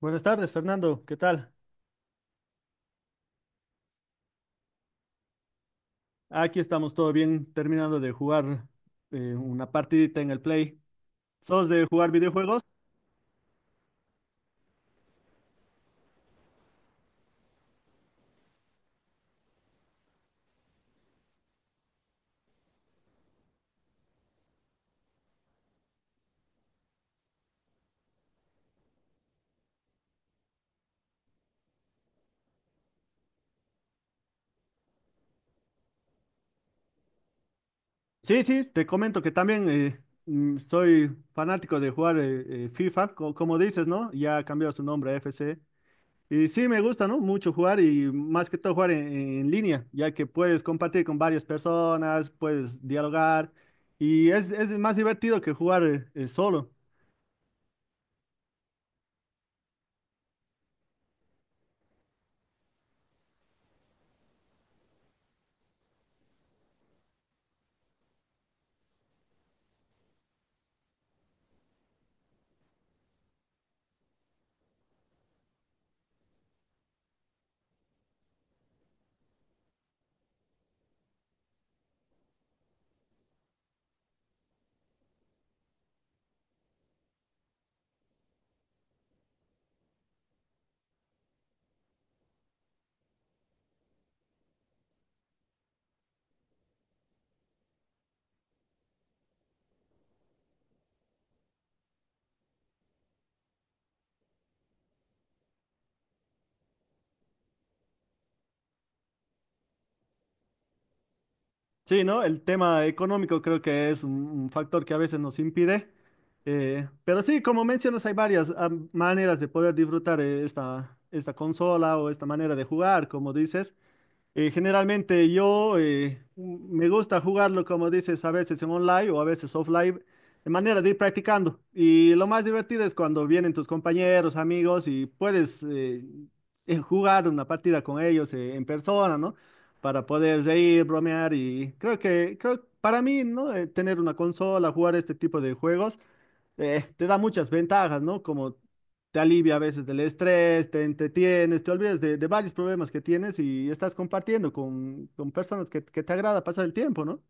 Buenas tardes, Fernando. ¿Qué tal? Aquí estamos todo bien, terminando de jugar una partidita en el Play. ¿Sos de jugar videojuegos? Sí, sí, te comento que también soy fanático de jugar FIFA, como dices, ¿no? Ya ha cambiado su nombre a FC. Y sí, me gusta, ¿no? Mucho jugar y más que todo jugar en línea, ya que puedes compartir con varias personas, puedes dialogar y es más divertido que jugar solo. Sí, ¿no? El tema económico creo que es un factor que a veces nos impide. Pero sí, como mencionas, hay varias maneras de poder disfrutar esta consola o esta manera de jugar, como dices. Generalmente yo me gusta jugarlo, como dices, a veces en online o a veces offline, de manera de ir practicando. Y lo más divertido es cuando vienen tus compañeros, amigos y puedes jugar una partida con ellos en persona, ¿no? Para poder reír, bromear y creo, para mí, ¿no? Tener una consola, jugar este tipo de juegos te da muchas ventajas, ¿no? Como te alivia a veces del estrés, te entretienes, te olvidas de varios problemas que tienes y estás compartiendo con personas que te agrada pasar el tiempo, ¿no?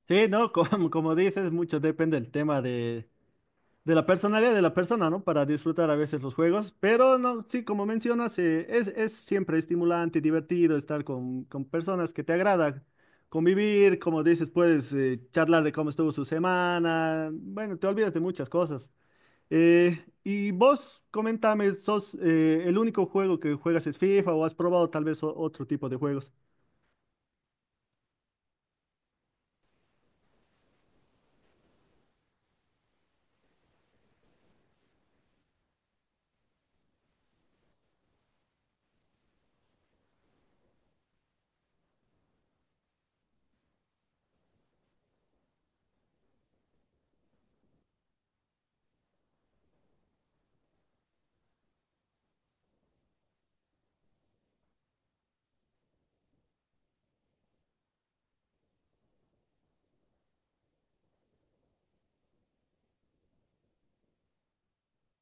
Sí, ¿no? Como dices, mucho depende del tema de la personalidad de la persona, ¿no? Para disfrutar a veces los juegos, pero no, sí, como mencionas, es siempre estimulante y divertido estar con personas que te agrada. Convivir, como dices, puedes charlar de cómo estuvo su semana. Bueno, te olvidas de muchas cosas. Y vos, comentame, ¿sos el único juego que juegas es FIFA o has probado tal vez otro tipo de juegos?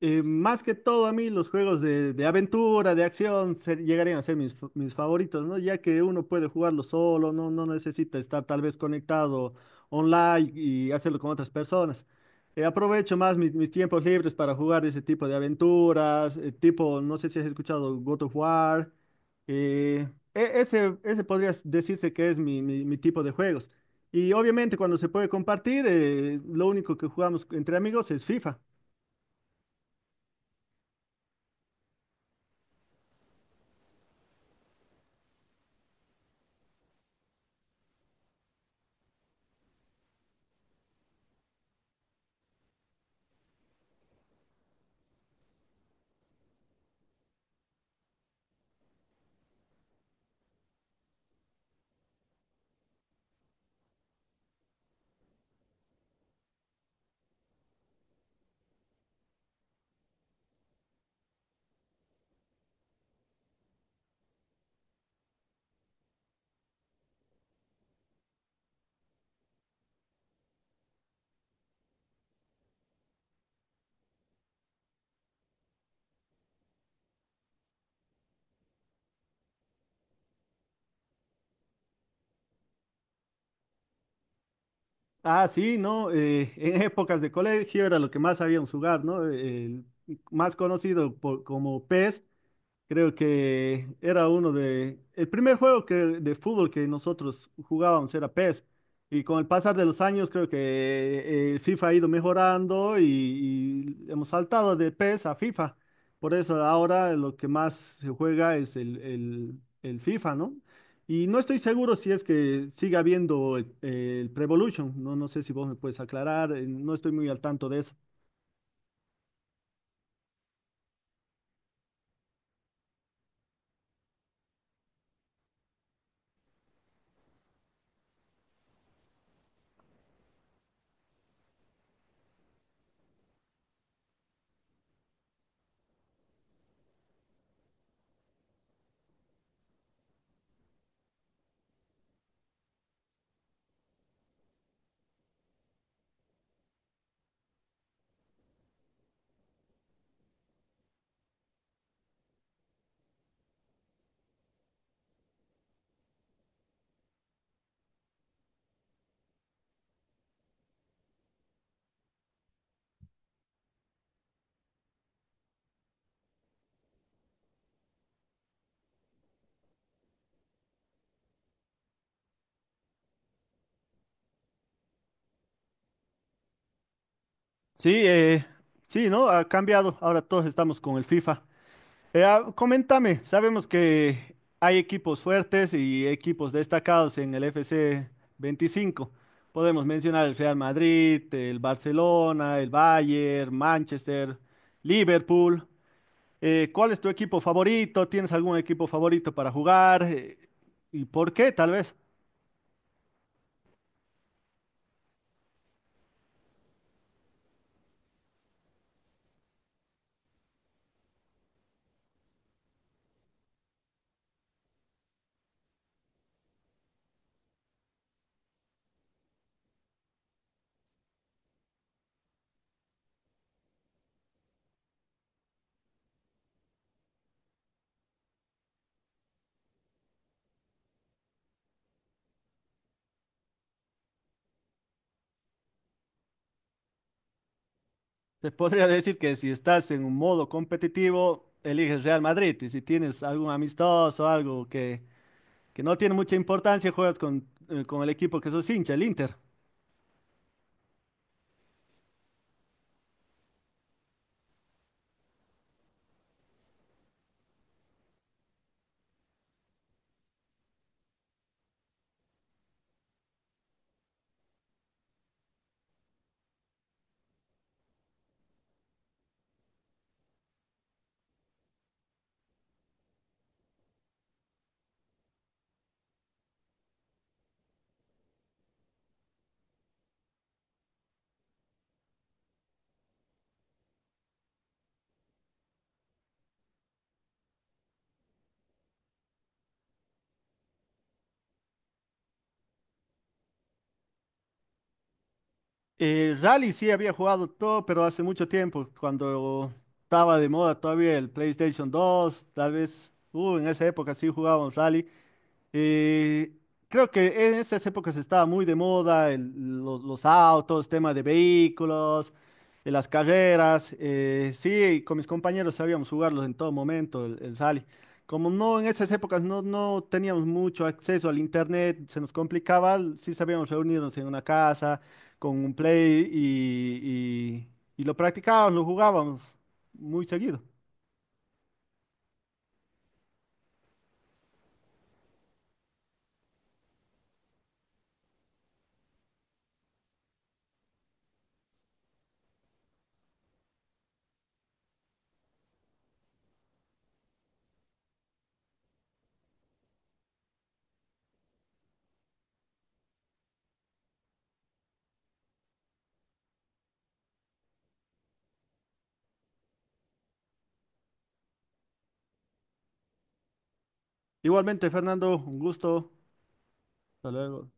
Más que todo a mí los juegos de aventura, de acción, llegarían a ser mis favoritos, ¿no? Ya que uno puede jugarlo solo, no necesita estar tal vez conectado online y hacerlo con otras personas. Aprovecho más mis tiempos libres para jugar ese tipo de aventuras, tipo, no sé si has escuchado God of War. eh, Ese, ese podría decirse que es mi tipo de juegos. Y obviamente cuando se puede compartir, lo único que jugamos entre amigos es FIFA. Ah, sí, ¿no? En épocas de colegio era lo que más sabíamos jugar, ¿no? El más conocido como PES, creo que era uno de... El primer de fútbol que nosotros jugábamos era PES. Y con el pasar de los años creo que el FIFA ha ido mejorando y hemos saltado de PES a FIFA. Por eso ahora lo que más se juega es el FIFA, ¿no? Y no estoy seguro si es que sigue habiendo el evolution. No, no sé si vos me puedes aclarar. No estoy muy al tanto de eso. Sí, eh, sí, ¿no? Ha cambiado. Ahora todos estamos con el FIFA. Coméntame, sabemos que hay equipos fuertes y equipos destacados en el FC 25. Podemos mencionar el Real Madrid, el Barcelona, el Bayern, Manchester, Liverpool. ¿Cuál es tu equipo favorito? ¿Tienes algún equipo favorito para jugar? ¿Y por qué? Tal vez. Se podría decir que si estás en un modo competitivo, eliges Real Madrid, y si tienes algún amistoso, algo que no tiene mucha importancia, juegas con el equipo que sos hincha, el Inter. Rally sí había jugado todo, pero hace mucho tiempo, cuando estaba de moda todavía el PlayStation 2, tal vez, en esa época sí jugábamos Rally. Eh, Creo que en esas épocas estaba muy de moda los autos, tema de vehículos, las carreras. Sí, con mis compañeros sabíamos jugarlos en todo momento, el rally. Como no en esas épocas no, no teníamos mucho acceso al internet, se nos complicaba, sí sabíamos reunirnos en una casa con un play y lo practicábamos, lo jugábamos muy seguido. Igualmente, Fernando, un gusto. Hasta luego.